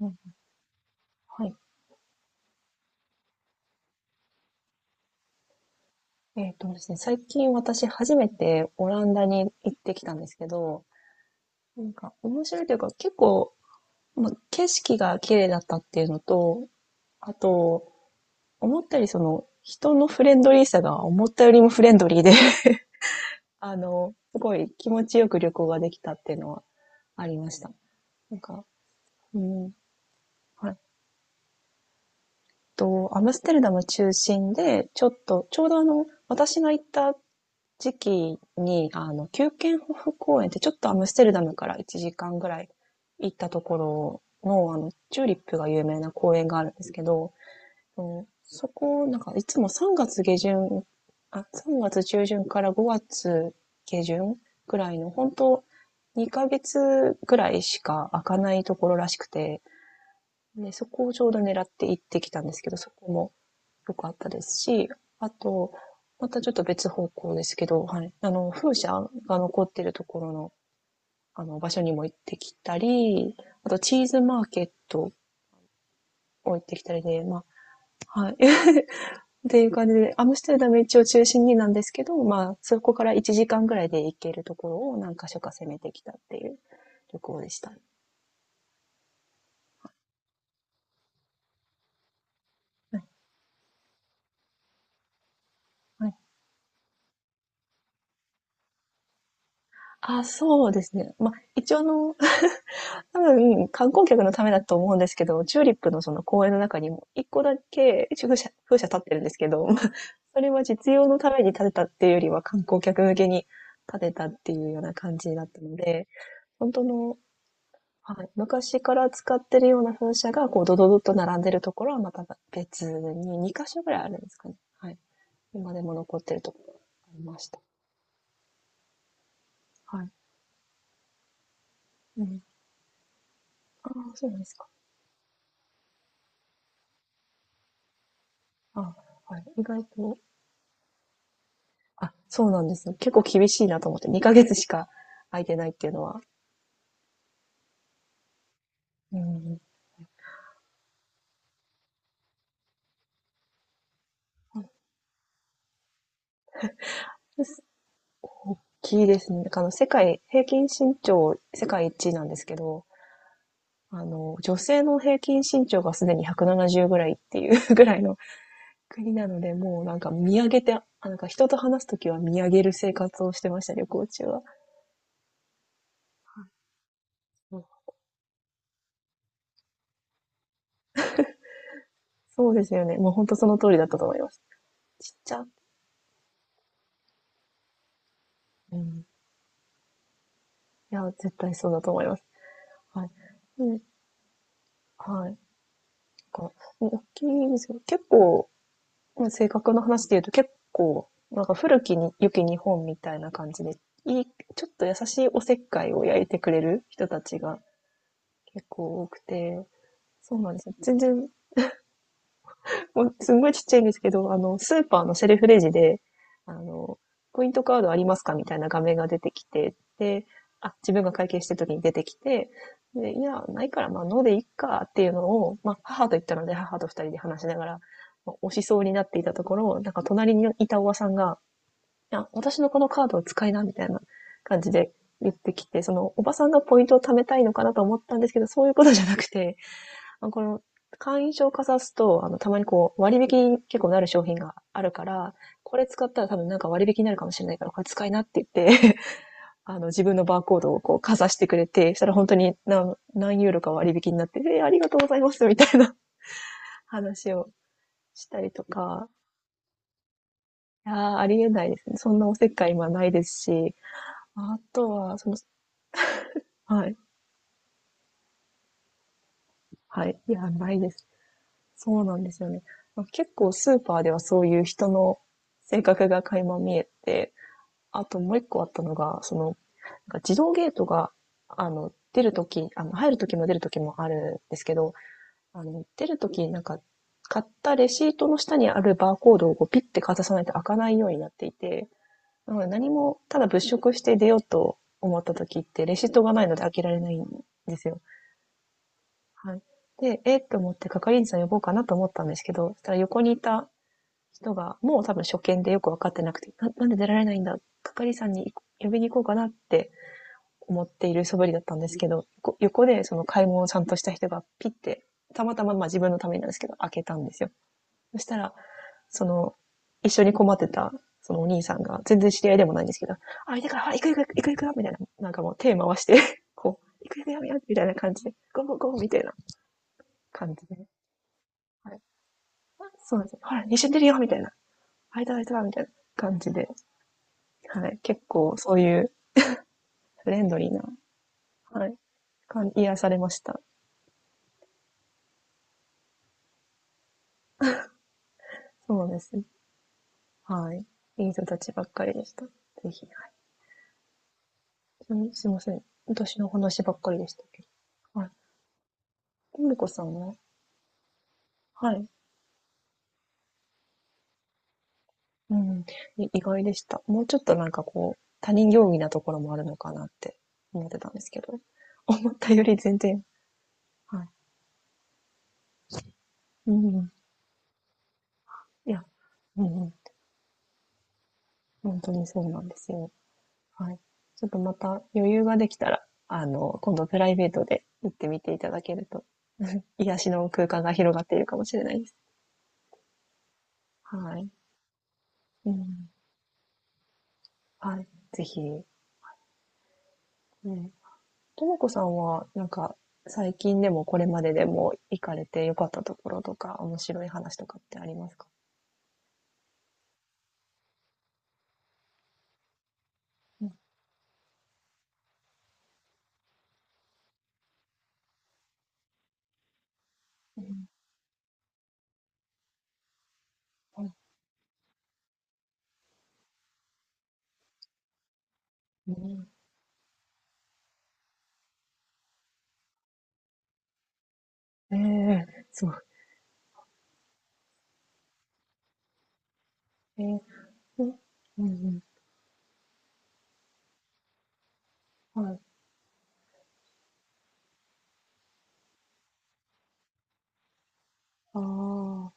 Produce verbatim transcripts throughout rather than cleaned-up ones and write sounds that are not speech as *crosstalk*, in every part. うん、はい。えっとですね、最近私初めてオランダに行ってきたんですけど、なんか面白いというか結構、まあ、景色が綺麗だったっていうのと、あと、思ったよりその人のフレンドリーさが思ったよりもフレンドリーで *laughs* あの、すごい気持ちよく旅行ができたっていうのはありました。なんか、うん、はい。と、アムステルダム中心で、ちょっと、ちょうどあの、私が行った時期に、あの、キューケンホフ公園ってちょっとアムステルダムからいちじかんぐらい行ったところの、あの、チューリップが有名な公園があるんですけど、うんそこ、なんかいつもさんがつ下旬、あ、さんがつ中旬からごがつ下旬ぐらいの、本当にかげつぐらいしか開かないところらしくて、で、そこをちょうど狙って行ってきたんですけど、そこもぽかったですし、あと、またちょっと別方向ですけど、はい。あの、風車が残ってるところの、あの、場所にも行ってきたり、あと、チーズマーケットを行ってきたりで、まあ、はい。*laughs* っていう感じで、アムステルダム一応中心になんですけど、まあ、そこからいちじかんぐらいで行けるところを何箇所か攻めてきたっていう旅行でした。はい。はい、あ、そうですね。まあ、一応あの、多分、観光客のためだと思うんですけど、チューリップのその公園の中にも、一個だけ風車、風車立ってるんですけど、*laughs* それは実用のために建てたっていうよりは観光客向けに建てたっていうような感じだったので、本当の、はい、昔から使ってるような風車が、こう、ドドドッと並んでるところはまた別にに箇所ぐらいあるんですかね。はい。今でも残ってるところがありました。はい。うん。ああ、そうなんですか。あはい。意外とあ、そうなんですよ。結構厳しいなと思って、にかげつしか空いてないっていうのは。うん。ですですね。なんかあの、世界、平均身長、世界一位なんですけど、あの、女性の平均身長がすでにひゃくななじゅうぐらいっていう *laughs* ぐらいの国なので、もうなんか見上げて、あなんか人と話すときは見上げる生活をしてましたね、旅行中は。うんそうですよね。もう本当その通りだったと思います。ちっちゃ。うん。いや、絶対そうだと思います。はい。うん、はい。なんか大きいですよ。結構、もう性格の話で言うと結構、なんか古きに良き日本みたいな感じで、いい、ちょっと優しいおせっかいを焼いてくれる人たちが結構多くて、そうなんですよ。全然もうすんごいちっちゃいんですけど、あの、スーパーのセルフレジで、あの、ポイントカードありますかみたいな画面が出てきて、で、あ、自分が会計してる時に出てきて、で、いや、ないから、まあ、のでいっかっていうのを、まあ、母と言ったので、母と二人で話しながら、まあ押しそうになっていたところ、なんか隣にいたおばさんが、いや、私のこのカードを使いな、みたいな感じで言ってきて、その、おばさんがポイントを貯めたいのかなと思ったんですけど、そういうことじゃなくて、まあこの会員証をかざすと、あの、たまにこう、割引に結構なる商品があるから、これ使ったら多分なんか割引になるかもしれないから、これ使いなって言って、*laughs* あの、自分のバーコードをこう、かざしてくれて、したら本当に何、何ユーロか割引になって、えーありがとうございます、みたいな *laughs* 話をしたりとか、いやーありえないですね。そんなおせっかい今ないですし、あとは、その、はい、はい、いや、ないです。そうなんですよね。結構スーパーではそういう人の性格が垣間見えて、あともう一個あったのが、その、なんか自動ゲートが、あの、出るとき、あの、入るときも出るときもあるんですけど、あの、出るとき、なんか、買ったレシートの下にあるバーコードをこうピッてかざさないと開かないようになっていて、なので何も、ただ物色して出ようと思ったときって、レシートがないので開けられないんですよ。はい。で、えー、と思って係員さん呼ぼうかなと思ったんですけど、そしたら横にいた人が、もう多分初見でよくわかってなくて、ななんで出られないんだ係員さんに呼びに行こうかなって思っている素振りだったんですけど、横でその買い物をちゃんとした人がピッて、たまたままあ自分のためになんですけど、開けたんですよ。そしたら、その、一緒に困ってた、そのお兄さんが、全然知り合いでもないんですけど、あ、いたから、あ行く行く行く行くよみたいな、なんかもう手回して、*laughs* こう、行く行くよみたいなみたいな感じで、ゴーゴーゴーみたいな感じで、はい。そうなんですよ。ほら、一緒に出るよみたいな。あいたらいたらみたいな感じで、はい。結構そういうフレンドリーな、はい。感癒されました。そうなんですよ。はい。いい人たちばっかりでした。ぜひ、はい。ちなみにすいません。私の話ばっかりでしたけど。はい。ともこさんははい。うん。い意外でした。もうちょっとなんかこう、他人行儀なところもあるのかなって思ってたんですけど、思ったより全然、はい。うんうん。いや、うんうん。本当にそうなんですよ。はい。ちょっとまた余裕ができたら、あの、今度プライベートで行ってみていただけると、*laughs* 癒しの空間が広がっているかもしれないです。はい。うん、はい、ぜひ。うん。ともこさんは、なんか、最近でもこれまででも行かれて良かったところとか、面白い話とかってありますかうん、うん、はい、うん。ええそうええうん、うん、うん、はい。ああ、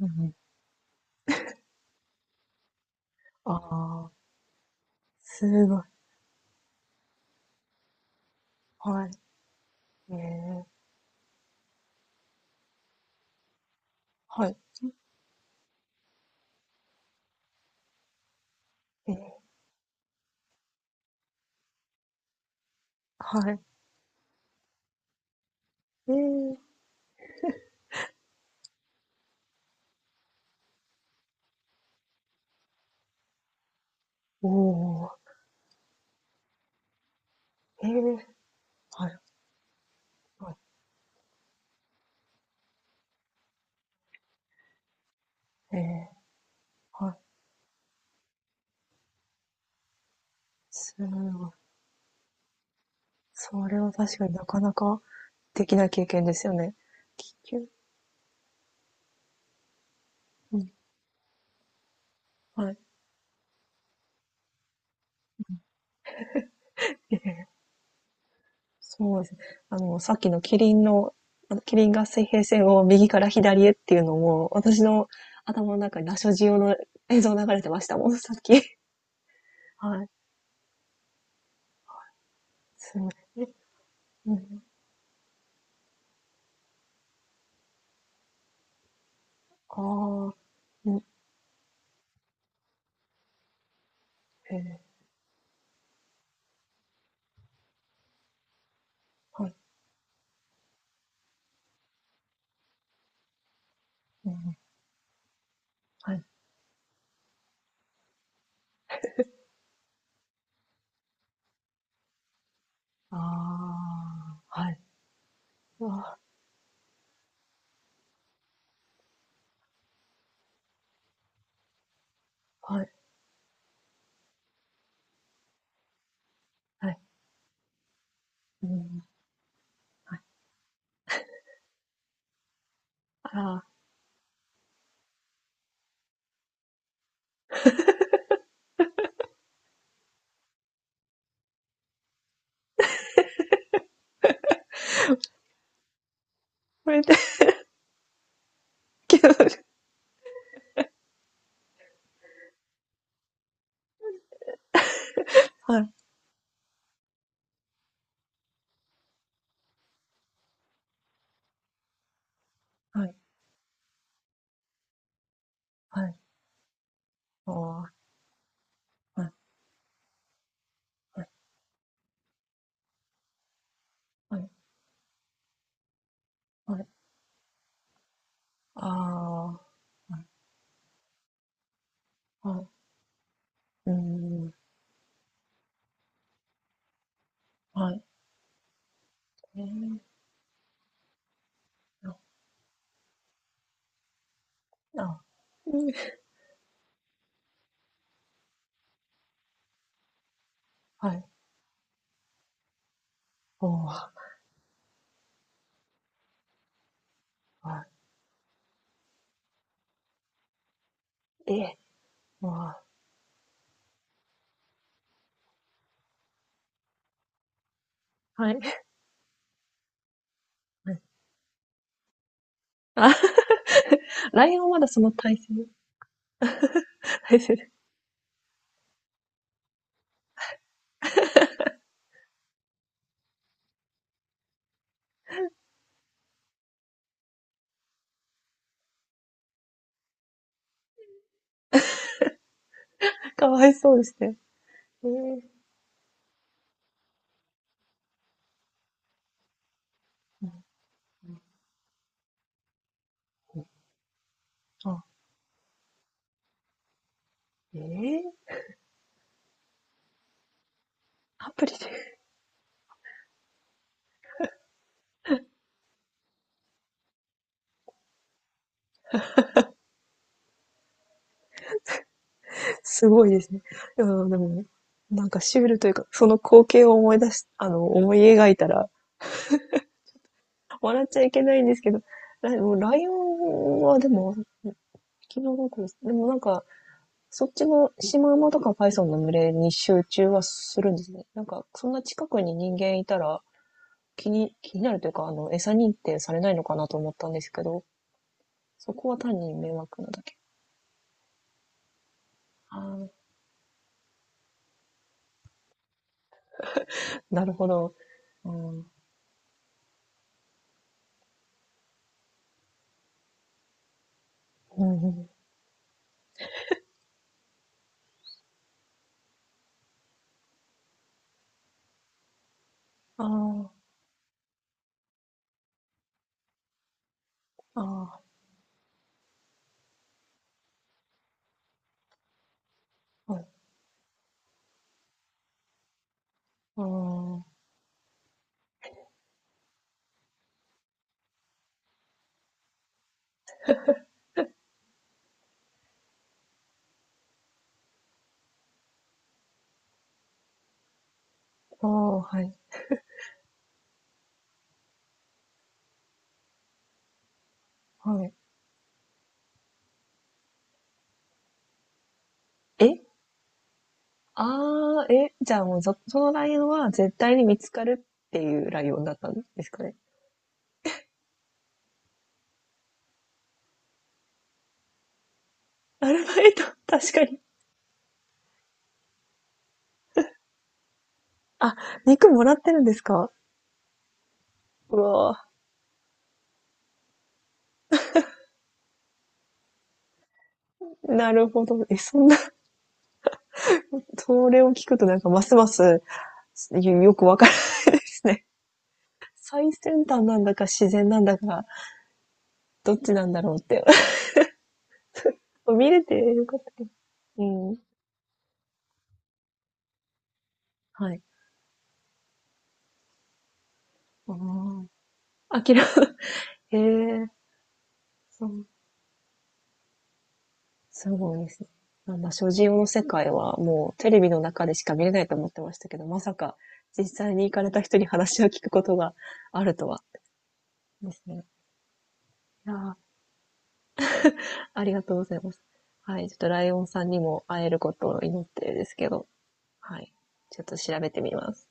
うんうん、ああ、すごい。はい。ええはい。ええはい。ええおお、ええはい、はい、ええはい、すごい。それは確かになかなか的な経験ですよね。気球うん、はい。ええ、そうですね。あの、さっきのキリンの、あの、キリンが水平線を右から左へっていうのも、私の頭の中にラショジオの映像流れてましたもん、*laughs* さっき。はい。すごい。え、うん。ああ、うん、ええ、はい、うん、はい。ああ、はい。ああ、はい、はい、うん、はい。あら、これで、けど、はい、はい、はい。ああ、はい、はい、はい、はい。ああ、はい、うん、はい。えーあ、あ、うん、はい、おーはい。ええ、おーはい、はい。あ、ライオンはまだその体勢体勢で、かわいそうですね。えーうん、うん、あ、えーアプリで、*laughs* すごいですね。いや、でも、なんかシュールというか、その光景を思い出しあの、思い描いたら、笑っちゃいけないんですけど、ライもうライオンはでも、昨日どこですでもなんかそっちのシマウマとかパイソンの群れに集中はするんですね。なんか、そんな近くに人間いたら気に、気になるというか、あの、餌認定されないのかなと思ったんですけど、そこは単に迷惑なだけ。ああ、なるほど。うん。うんうん、ああ、ああ、はい。ああ、ああ、はい、はい。えああ、え、じゃあもうそ、そのライオンは絶対に見つかるっていうライオンだったんですかね。アルバイト、確かに。あ、肉もらってるんですかうわなるほど。え、そんな、*laughs* それを聞くとなんかますますよくわからないですね。*laughs* 最先端なんだか自然なんだか、どっちなんだろうって。*laughs* 見れてよかった。うん。はい。あき諦め、へえ、そう。すごいですね。なんだ、所持用の世界はもうテレビの中でしか見れないと思ってましたけど、まさか実際に行かれた人に話を聞くことがあるとは。ですね。いやーありがとうございます。はい、ちょっとライオンさんにも会えることを祈ってるんですけど、はい、ちょっと調べてみます。